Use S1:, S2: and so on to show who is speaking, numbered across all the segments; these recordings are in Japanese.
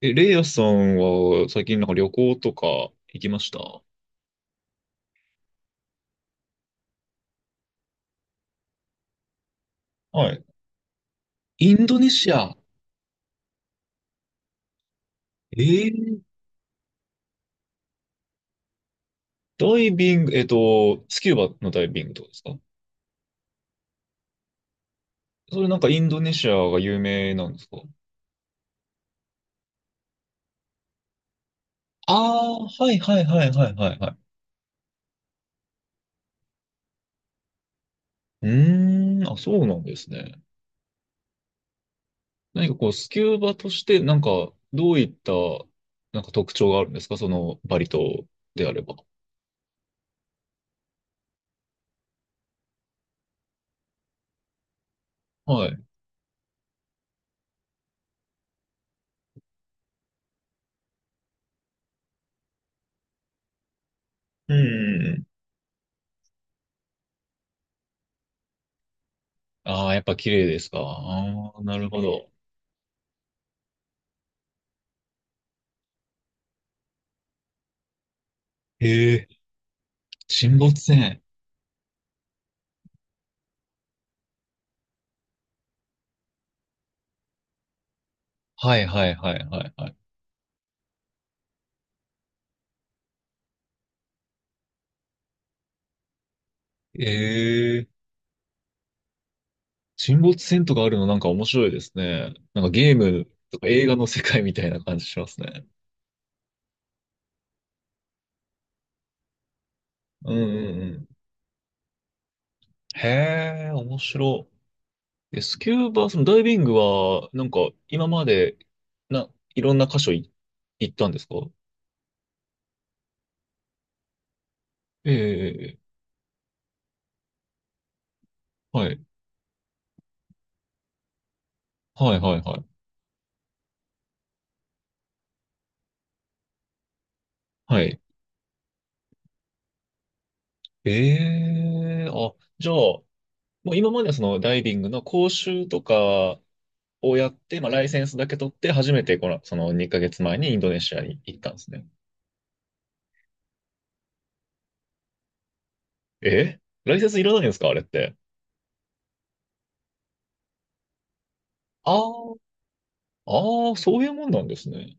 S1: レイヤさんは最近なんか旅行とか行きました？はい。インドネシア。えーダイビング、スキューバのダイビングとかですか？それなんかインドネシアが有名なんですか？ああー、はいはいはいはいはいはい。うーん、あ、そうなんですね。何かこう、スキューバとしてなんかどういったなんか特徴があるんですか、そのバリ島であれば？はい。うんうんうん。ああ、やっぱ綺麗ですか？ああー、なるほど。へえ、沈没船。はいはいはいはいはい。ええ、沈没船とかあるのなんか面白いですね。なんかゲームとか映画の世界みたいな感じしますね。うんうんうん。へえ、面白い。スキューバ、そのダイビングは、なんか今まで、な、いろんな箇所行ったんですか？ええ、はい。はいはいはい。はい。ええ、あ、じゃあ、もう今まではそのダイビングの講習とか、をやって、まあ、ライセンスだけ取って、初めてその2ヶ月前にインドネシアに行ったんですね。えライセンスいらないんですか、あれって？ああ、ああ、そういうもんなんですね。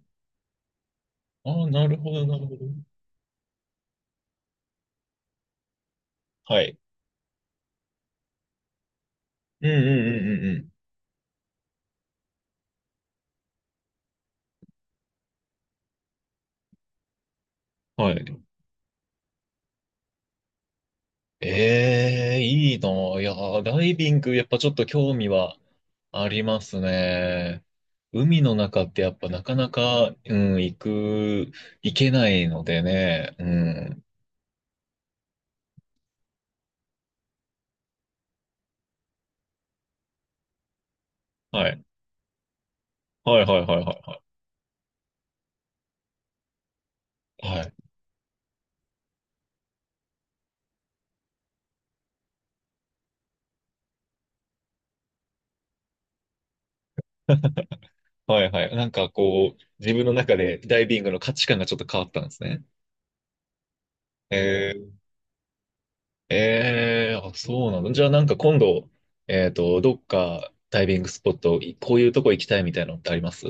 S1: ああ、なるほど、なるほど。はい。うんうんうんうんうん。はい。ええ、いいなぁ、いやー、ダイビング、やっぱちょっと興味はありますね。海の中ってやっぱなかなか、うん、行けないのでね。うん。はい。はいはいはいはいはい。はいはいはい。なんかこう、自分の中でダイビングの価値観がちょっと変わったんですね。えー、えー、あ、そうなの。じゃあなんか今度、どっかダイビングスポット、こういうとこ行きたいみたいなのってあります？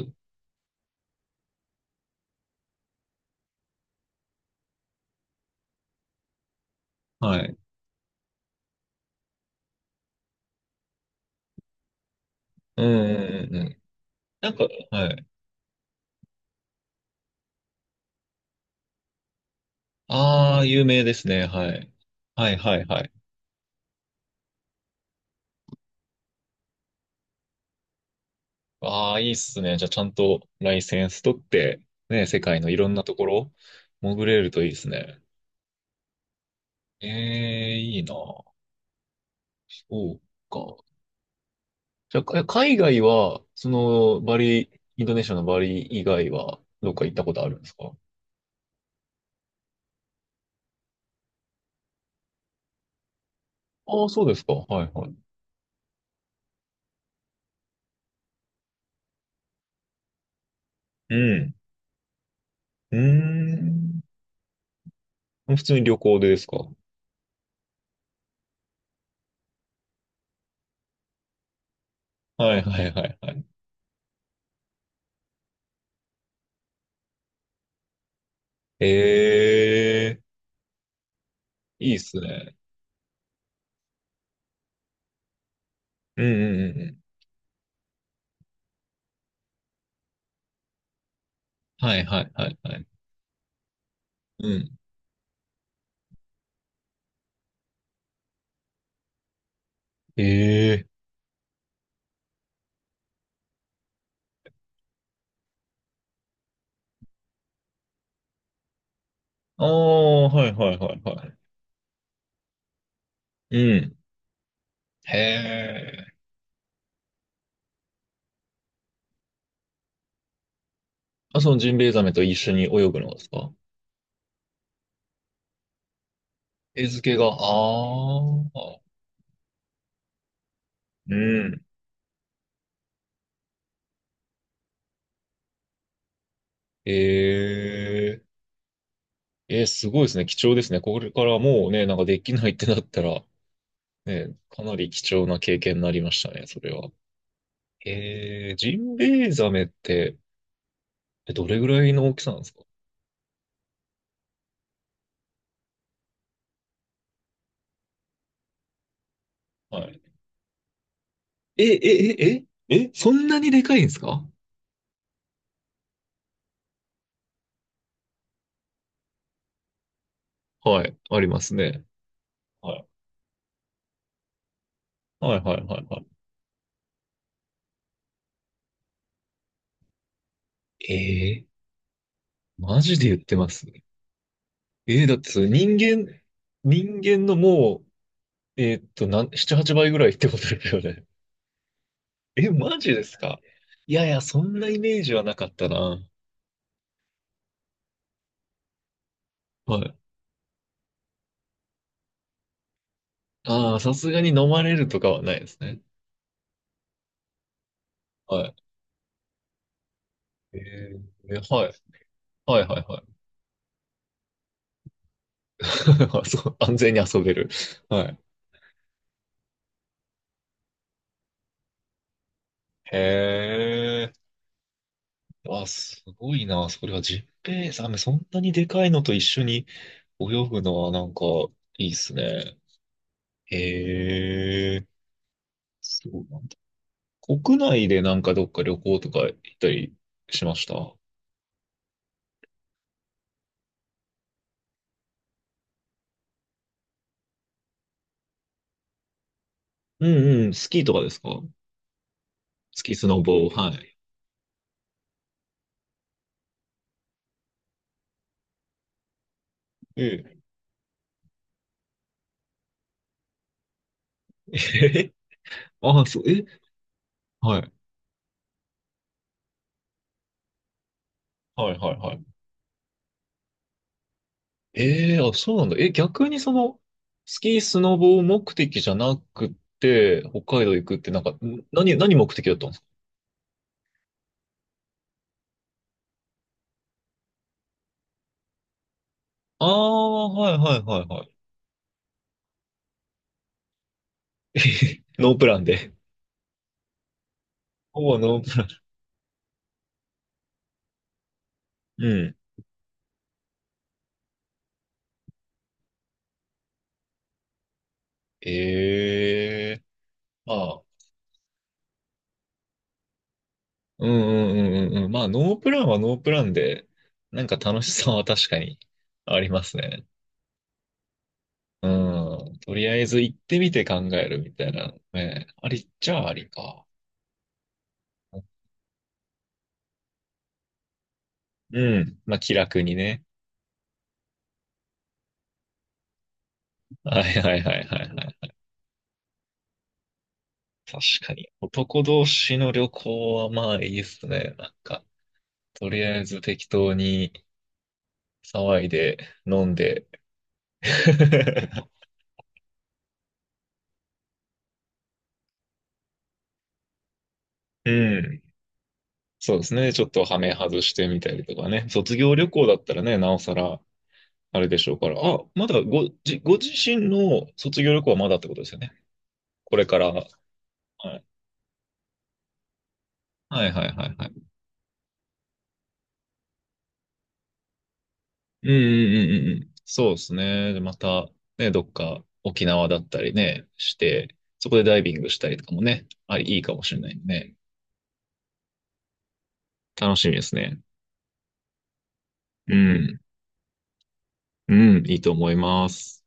S1: はい。うんうんうんうん。なんか、はい。ああ、有名ですね。はい。はいはいはい。ああ、いいっすね。じゃあちゃんとライセンス取って、ね、世界のいろんなところ、潜れるといいですね。ええー、いいな。そうか。じゃあ、海外は、その、インドネシアのバリ以外は、どっか行ったことあるんですか？ああ、そうですか。はいはい。うん。うーん。普通に旅行でですか？はいはいはいはい。ええ、いいっすね。うんうんうんうん。はいはいはいはい。うん。ええ、ああ、はいはいはいはい。うん。へえ。あ、そのジンベエザメと一緒に泳ぐのですか？餌付けが、ああ。うん。えええー、すごいですね。貴重ですね。これからもうね、なんかできないってなったら、ね、かなり貴重な経験になりましたね、それは。えー、ジンベエザメって、どれぐらいの大きさなんですか？はい。え、え、え、え、え、そんなにでかいんですか？はい、ありますね。はい。はい、はい、はい、はい。えー、マジで言ってます？えー、だってそれ人間のもう、7、8倍ぐらいってことですよね。え、マジですか？いやいや、そんなイメージはなかったな。はい。ああ、さすがに飲まれるとかはないですね。はい。えー、はい。はいはいはい。そう、安全に遊べる。はい。へえ。あ、すごいな。それはジッペイザメ、そんなにでかいのと一緒に泳ぐのはなんかいいっすね。へえ。そうなんだ。国内でなんかどっか旅行とか行ったりしました？うんうん。スキーとかですか？月スノボ、はい。ええ。ああ、そう、はい。はいはいはい。ええ、あ、そうなんだ。逆にその、スキー、スノボ目的じゃなくて、北海道行くって、なんか、何目的だったんですか？ああ、はいはいはいはい。ノープランで。ほぼノープラン。うん。ええ、まあ、うんうんうんうんうん。まあ、ノープランはノープランで、なんか楽しさは確かにありますね。うん。とりあえず行ってみて考えるみたいなね。ありっちゃありか。うん。まあ、気楽にね。はいはいはいはいはい。確かに。男同士の旅行はまあいいっすね。なんか、とりあえず適当に騒いで、飲んで。うん。そうですね。ちょっとハメ外してみたりとかね。卒業旅行だったらね、なおさら、あれでしょうから。あ、まだご自身の卒業旅行はまだってことですよね？これから。はいはいはいはいはい。うんうんうんうんうん。そうですね。でまた、ね、どっか沖縄だったりね、して、そこでダイビングしたりとかもね、いいかもしれないんでね。楽しみですね。うん。うん、いいと思います。